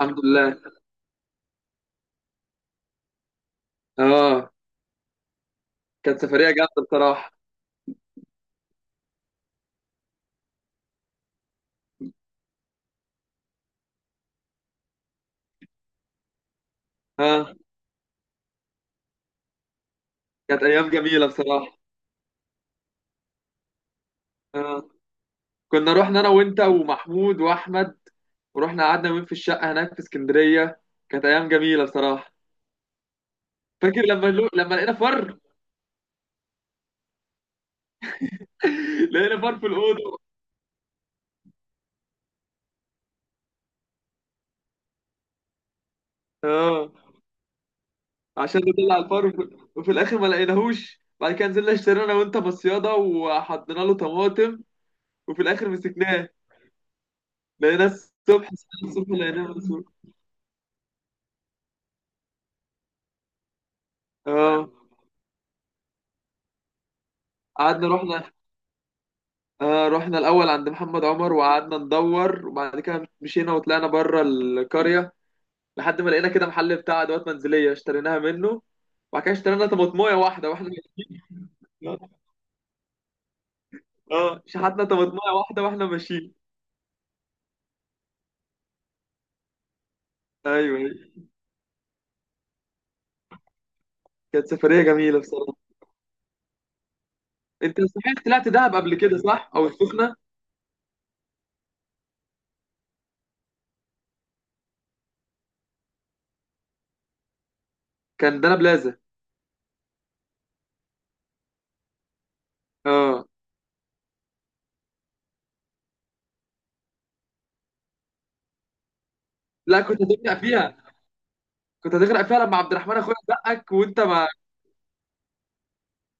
الحمد لله. اه. كانت سفرية جامدة بصراحة. اه، كانت أيام جميلة بصراحة. اه، كنا رحنا أنا وأنت ومحمود وأحمد، ورحنا قعدنا يومين في الشقة هناك في اسكندرية. كانت أيام جميلة بصراحة. فاكر لما لما لقينا فر؟ لقينا فر في الأوضة. اه، عشان نطلع الفر وفي الآخر ما لقيناهوش. بعد كده نزلنا اشترينا أنا وأنت مصيادة وحطينا له طماطم، وفي الآخر مسكناه. لقيناه الصبح. الصبح لقيناه مسكناه. اه. قعدنا رحنا. آه، رحنا الأول عند محمد عمر وقعدنا ندور، وبعد كده مشينا وطلعنا بره القرية لحد ما لقينا كده محل بتاع أدوات منزلية اشتريناها منه. وبعد كده اشترينا طماطماية واحدة واحنا ماشيين. اه، شحتنا طماطماية واحدة واحنا ماشيين. ايوه، أيوة. كانت سفرية جميلة بصراحة. انت صحيح طلعت دهب قبل كده، صح؟ او السخنة؟ كان ده انا بلازا. اه. لا، كنت هتغرق فيها. كنت هتغرق فيها لما عبد الرحمن اخويا زقك وانت ما...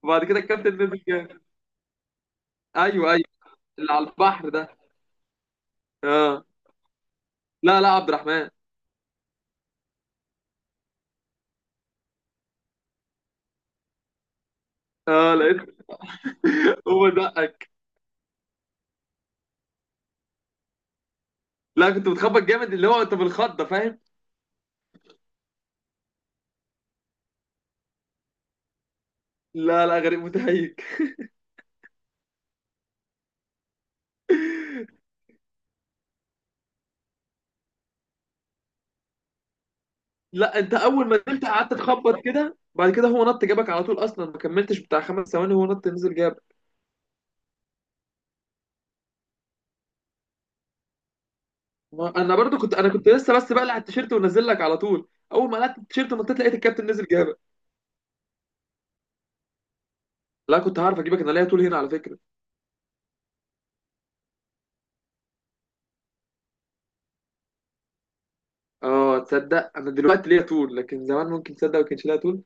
وبعد كده الكابتن نزل جاب. ايوه ايوه. اللي على البحر ده. اه. لا لا، عبد الرحمن. اه، لقيت. هو دقك. لا، كنت بتخبط جامد، اللي هو انت بالخضه، فاهم؟ لا لا، غريب متهيج. لا، انت اول ما نزلت قعدت تخبط كده، بعد كده هو نط جابك على طول. اصلا ما كملتش بتاع خمس ثواني هو نط نزل جابك. انا برضو كنت، انا كنت لسه بس بقلع التيشيرت ونزل لك على طول. اول ما قلعت التيشيرت ونطيت لقيت الكابتن نزل جابك. لا، كنت هعرف اجيبك، انا ليا طول هنا على فكره. اه، تصدق انا دلوقتي ليا طول، لكن زمان ممكن تصدق ما كانش ليا طول.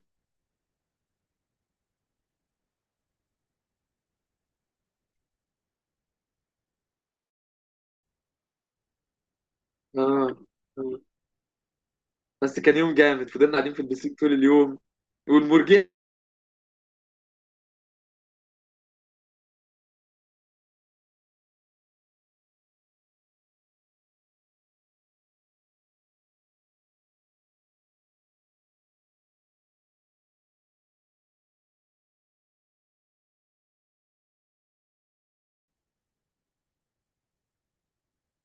اه. آه. بس كان يوم جامد، فضلنا قاعدين في البسيك طول اليوم والمرجية.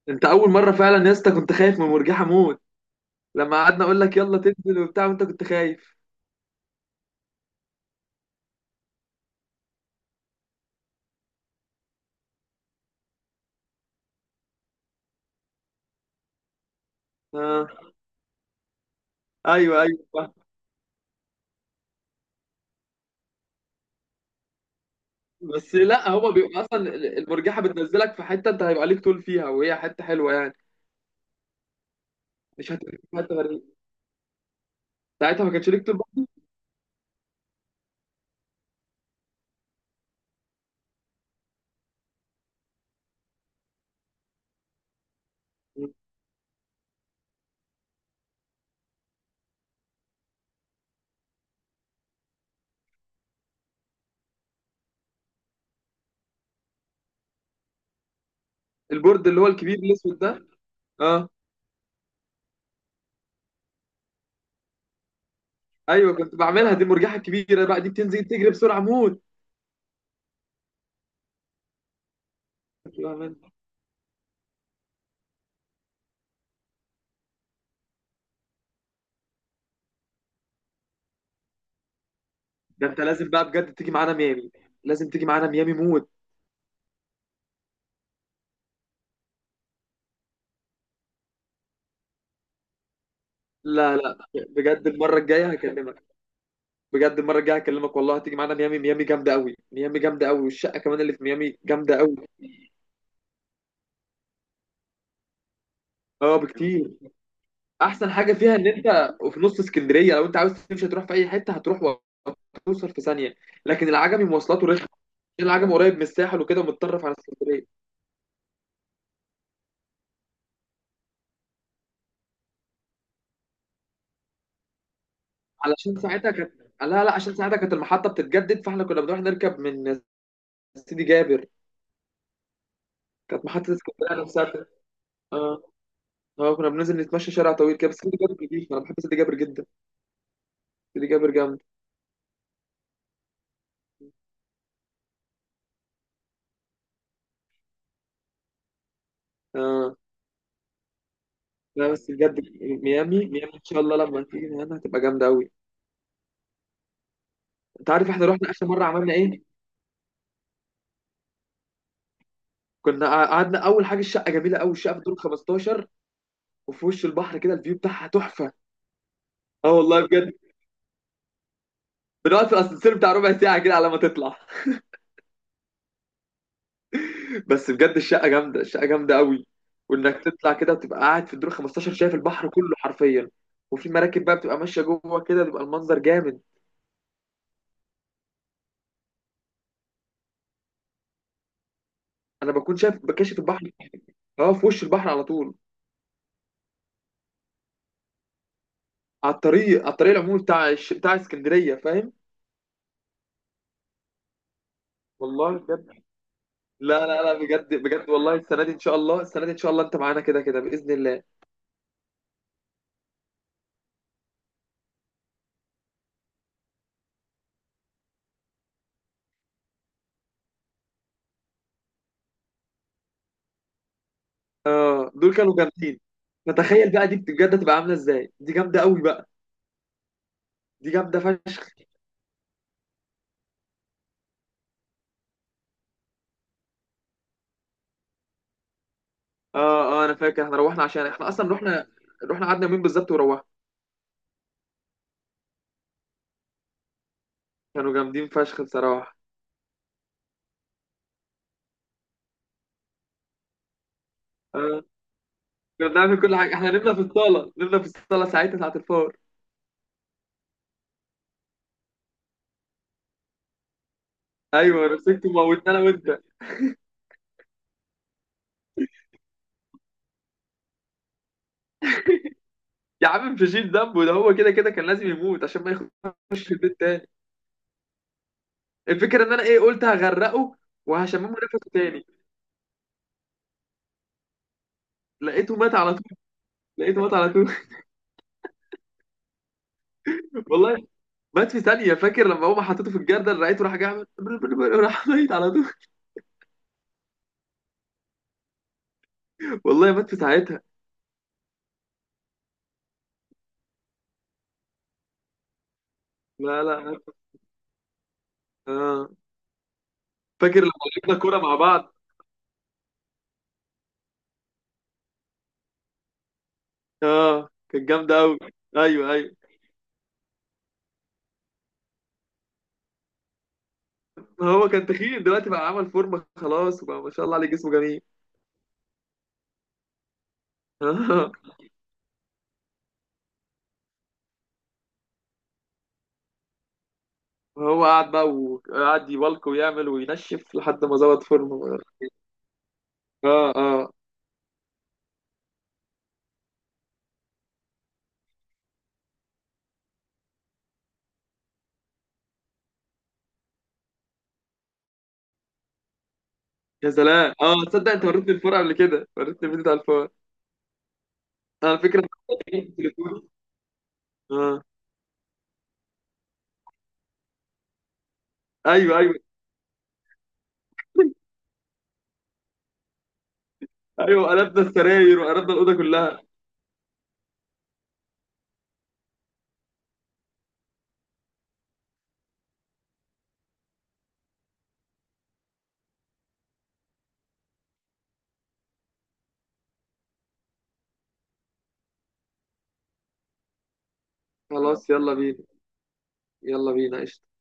انت اول مره فعلا يا اسطى كنت خايف من مرجحه موت. لما قعدنا اقول لك يلا تنزل وبتاع وانت كنت خايف. اه. ايوه ايوه، فاهم. بس لا، هو بيبقى اصلا المرجحه بتنزلك في حته انت هيبقى ليك طول فيها، وهي حته حلوه يعني. مش هتبقى في حته غريبه. ساعتها ما كانش ليك طول بقى. البورد اللي هو الكبير الاسود ده. اه، ايوه، كنت بعملها دي المرجحه الكبيره بقى، دي بتنزل تجري بسرعه موت. كنت بعملها. ده انت لازم بقى بجد تيجي معانا ميامي. لازم تيجي معانا ميامي موت. لا لا، بجد المره الجايه هكلمك. بجد المره الجايه هكلمك والله هتيجي معانا ميامي. ميامي جامده قوي. ميامي جامده قوي، والشقه كمان اللي في ميامي جامده قوي. اه، بكتير. احسن حاجه فيها ان انت في نص اسكندريه، لو انت عاوز تمشي تروح في اي حته هتروح وتوصل في ثانيه. لكن العجمي مواصلاته رخمه، عشان العجمي قريب من الساحل وكده ومتطرف على اسكندريه. علشان ساعتها كانت... لا لا، عشان ساعتها كانت المحطه بتتجدد، فاحنا كنا بنروح نركب من سيدي جابر. كانت محطه اسكندريه نفسها اه. اه، كنا بننزل نتمشى شارع طويل كده، بس سيدي جابر جديد، انا بحب سيدي جابر جدا. سيدي جابر جامد. آه. لا بس بجد ميامي، ميامي ان شاء الله لما تيجي هنا هتبقى جامده قوي. انت عارف احنا رحنا اخر مره عملنا ايه؟ كنا قعدنا. اول حاجه، الشقه جميله قوي، الشقه في الدور 15، وفي وش البحر كده، الفيو بتاعها تحفه. اه، والله بجد. بنقعد في الاسانسير بتاع ربع ساعه كده على ما تطلع. بس بجد الشقه جامده، الشقه جامده قوي. وانك تطلع كده وتبقى قاعد في الدور 15 شايف البحر كله حرفيا، وفي مراكب بقى بتبقى ماشيه جوه كده، بيبقى المنظر جامد. انا بكون شايف، بكاشف البحر. اه، في وش البحر على طول، على الطريق، على الطريق العمومي بتاع بتاع اسكندريه، فاهم؟ والله بجد. لا لا لا، بجد بجد والله السنه دي ان شاء الله، السنه دي ان شاء الله انت معانا كده كده باذن الله. اه، دول كانوا جامدين. فتخيل بقى دي بجد هتبقى عامله ازاي، دي جامده قوي بقى. دي جامده فشخ. اه اه، انا فاكر احنا روحنا عشان احنا اصلا رحنا، رحنا قعدنا يومين بالظبط وروحنا. كانوا جامدين فشخ بصراحه. اه، كنا بنعمل كل حاجه، احنا نمنا في الصاله، نمنا في الصاله ساعتها ساعه الفار. ايوه، مسكت موتنا انا وانت. يا عم مش هشيل ذنبه ده، هو كده كده كان لازم يموت عشان ما يخش في البيت. الفكره ان انا ايه، قلت هغرقه وهشممه نفسه تاني. لقيته مات على طول. لقيته مات على طول. والله مات في ثانيه. فاكر لما هو حطيته في الجردل لقيته راح جاي عمل راح ميت على طول. والله مات في ساعتها. لا لا، مات. اه. فاكر لما لعبنا كوره مع بعض. اه، كانت جامده قوي. ايوه ايوه. هو كان تخين، دلوقتي بقى عمل فورمه خلاص وبقى ما شاء الله عليه جسمه جميل. اه. هو قعد بقى وقعد يبلك ويعمل وينشف لحد ما ظبط فورمه. اه اه. يا سلام. اه تصدق انت وريتني الفور قبل كده، وريتني الفيديو بتاع الفور على فكره. اه. ايوه ايوه ايوه، قلبنا السراير وقلبنا الاوضه كلها. خلاص يلا بينا. يلا بينا، قشطه.